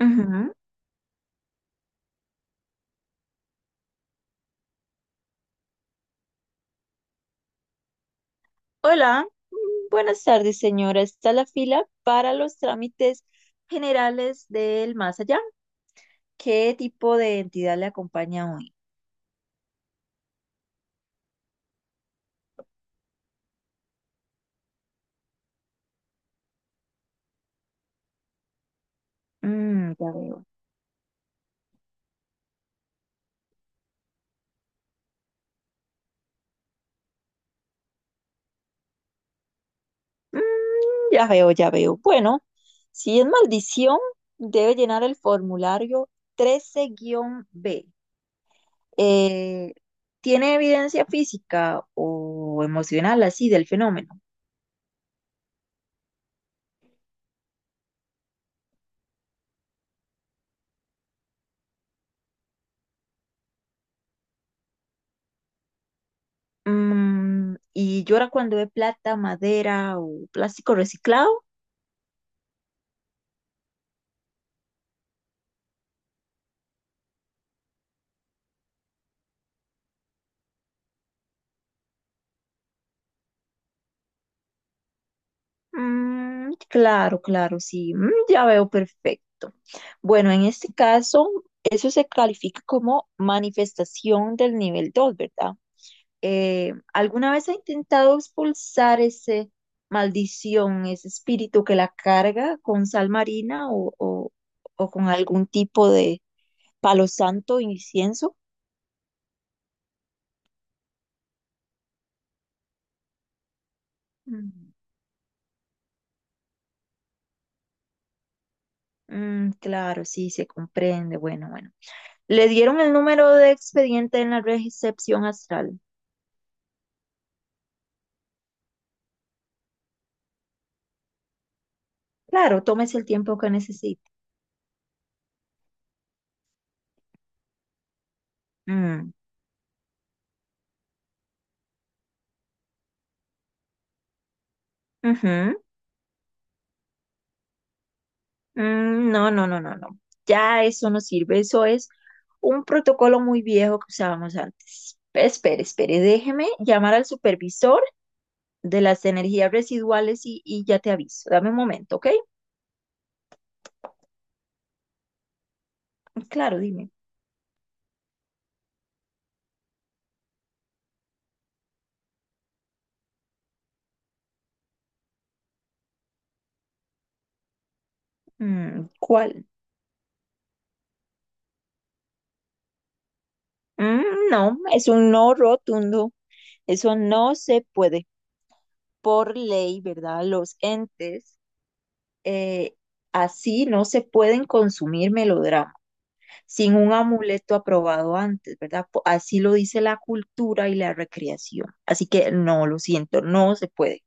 Ujú. Hola, buenas tardes, señora. Está la fila para los trámites generales del más allá. ¿Qué tipo de entidad le acompaña hoy? Mm, ya veo. Mm, ya veo, ya veo. Bueno, si es maldición, debe llenar el formulario 13-B. Eh, ¿Tiene evidencia física o emocional así del fenómeno? Mm, ¿y llora cuando ve plata, madera o plástico reciclado? Mm, claro, claro, sí, mm, ya veo perfecto. Bueno, en este caso, eso se califica como manifestación del nivel 2, ¿verdad? ¿Alguna vez ha intentado expulsar ese maldición, ese espíritu que la carga con sal marina o con algún tipo de palo santo o incienso? Mm, mm, claro, sí, se comprende. Bueno, bueno. Le dieron el número de expediente en la recepción astral. Claro, tómese el tiempo que necesite. Mm, ujú, mm, no, no, no, no, no. Ya eso no sirve. Eso es un protocolo muy viejo que usábamos antes. Espere, espere, déjeme llamar al supervisor de las energías residuales y ya te aviso. Dame un momento, ¿ok? Claro, dime. Mm, ¿cuál? Mm, no, es un no rotundo. Eso no se puede. Por ley, ¿verdad? Los entes eh, así no se pueden consumir melodramas sin un amuleto aprobado antes, ¿verdad? Así lo dice la cultura y la recreación. Así que no, lo siento, no se puede.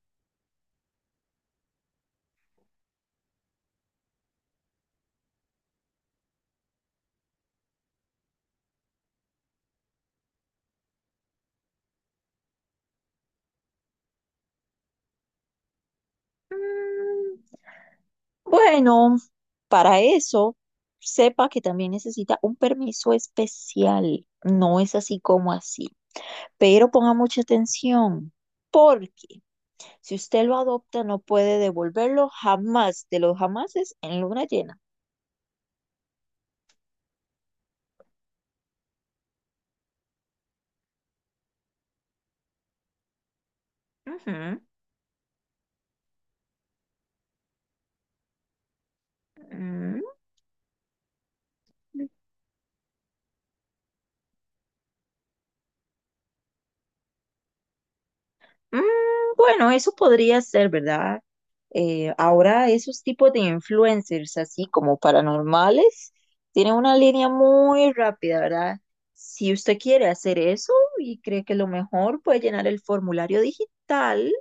Mm, bueno, para eso, sepa que también necesita un permiso especial. No es así como así. Pero ponga mucha atención, porque si usted lo adopta, no puede devolverlo jamás de los jamases en luna llena. Ujú. Mm. Mm, bueno, eso podría ser, ¿verdad? Ahora esos tipos de influencers, así como paranormales, tienen una línea muy rápida, ¿verdad? Si usted quiere hacer eso y cree que lo mejor puede llenar el formulario digital,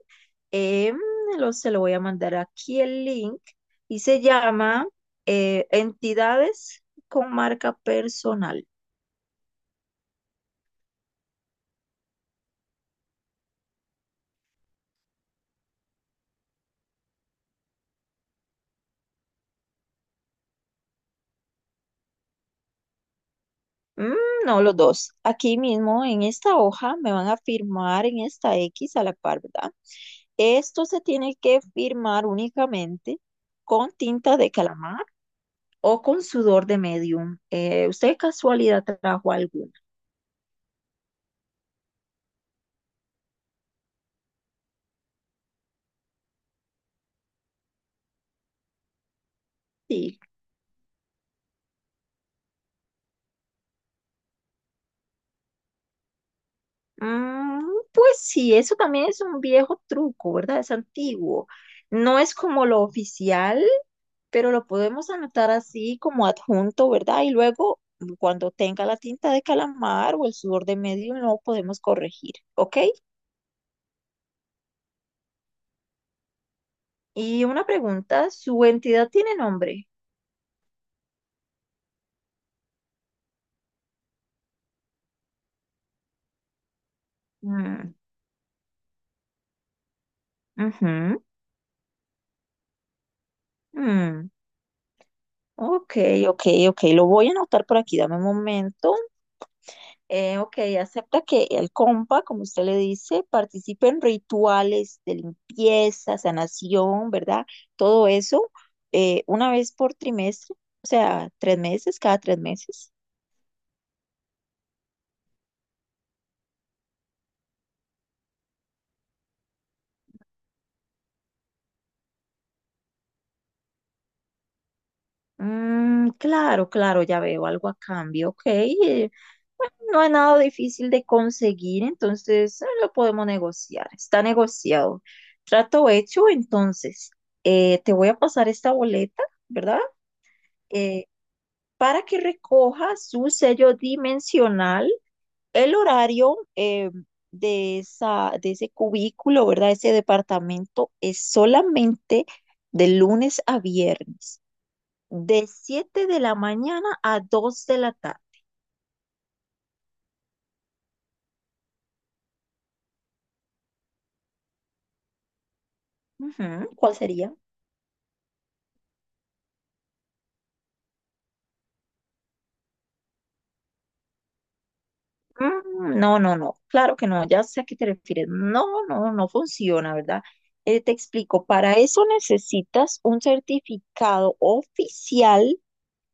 em, se lo voy a mandar aquí el link y se llama Entidades con marca personal. Mm, no, los dos. Aquí mismo en esta hoja me van a firmar en esta X a la par, ¿verdad? Esto se tiene que firmar únicamente con tinta de calamar o con sudor de medium. ¿Usted de casualidad trajo alguna? Sí. Mm, pues sí, eso también es un viejo truco, ¿verdad? Es antiguo. No es como lo oficial, pero lo podemos anotar así como adjunto, ¿verdad? Y luego, cuando tenga la tinta de calamar o el sudor de medio, no podemos corregir, ¿ok? Y una pregunta, ¿su entidad tiene nombre? Mm, ujú, mm, ok, ok, ok, lo voy a anotar por aquí, dame un momento. Ok, acepta que el compa, como usted le dice, participe en rituales de limpieza, sanación, ¿verdad? Todo eso una vez por trimestre, o sea, tres meses, cada tres meses. Mm, claro, claro, ya veo algo a cambio, ok. Bueno, no es nada difícil de conseguir, entonces lo podemos negociar, está negociado. Trato hecho, entonces, te voy a pasar esta boleta, ¿verdad? Eh, para que recoja su sello dimensional, el horario de ese cubículo, ¿verdad? Ese departamento es solamente de lunes a viernes, de 7 de la mañana a 2 de la tarde. Ujú, ¿cuál sería? Mm, no, no, no, claro que no, ya sé a qué te refieres. No, no, no funciona, ¿verdad? Te explico, para eso necesitas un certificado oficial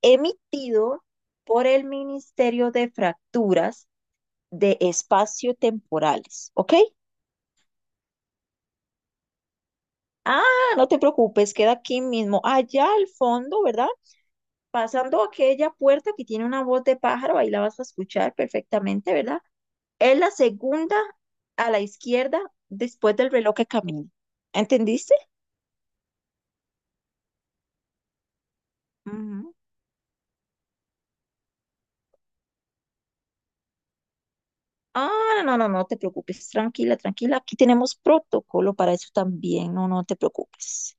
emitido por el Ministerio de Fracturas de Espacio-Temporales, ¿ok? Ah, no te preocupes, queda aquí mismo, allá al fondo, ¿verdad? Pasando aquella puerta que tiene una voz de pájaro, ahí la vas a escuchar perfectamente, ¿verdad? Es la segunda a la izquierda después del reloj que camina. ¿Entendiste? Ujú. Ah, no, no, no, no te preocupes, tranquila, tranquila. Aquí tenemos protocolo para eso también, no, no te preocupes.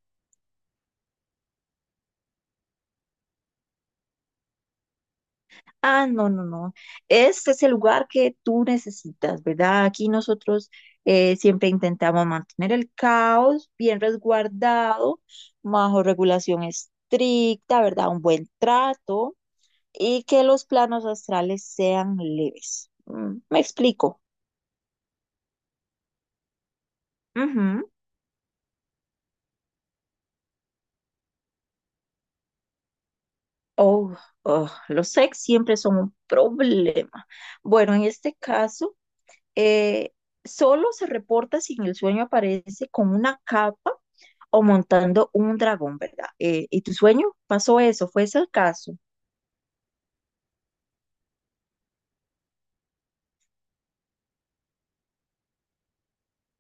Ah, no, no, no. Este es el lugar que tú necesitas, ¿verdad? Aquí nosotros siempre intentamos mantener el caos bien resguardado, bajo regulación estricta, ¿verdad? Un buen trato y que los planos astrales sean leves. Mm, me explico. Ujú. Oh, oh, los ex siempre son un problema. Bueno, en este caso. eh, Solo se reporta si en el sueño aparece con una capa o montando un dragón, ¿verdad? ¿Y tu sueño pasó eso? ¿Fue ese el caso?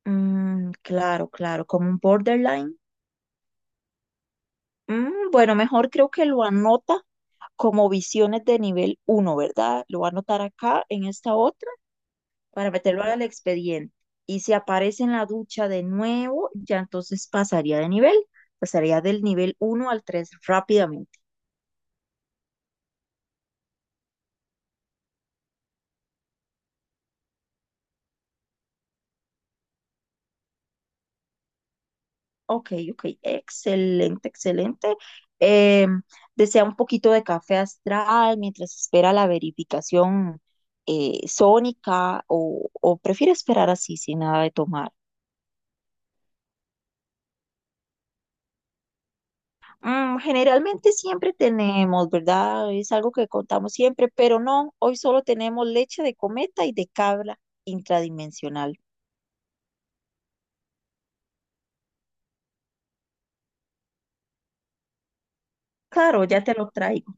Mm, claro, claro, como un borderline. Mm, bueno, mejor creo que lo anota como visiones de nivel uno, ¿verdad? Lo va a anotar acá en esta otra para meterlo al expediente. Y si aparece en la ducha de nuevo, ya entonces pasaría de nivel, pasaría del nivel uno al 3 rápidamente. Ok, ok, excelente, excelente. Eh, Desea un poquito de café astral mientras espera la verificación sónica o prefiere esperar así sin nada de tomar. Mm, generalmente siempre tenemos, ¿verdad? Es algo que contamos siempre, pero no, hoy solo tenemos leche de cometa y de cabra intradimensional. Claro, ya te lo traigo.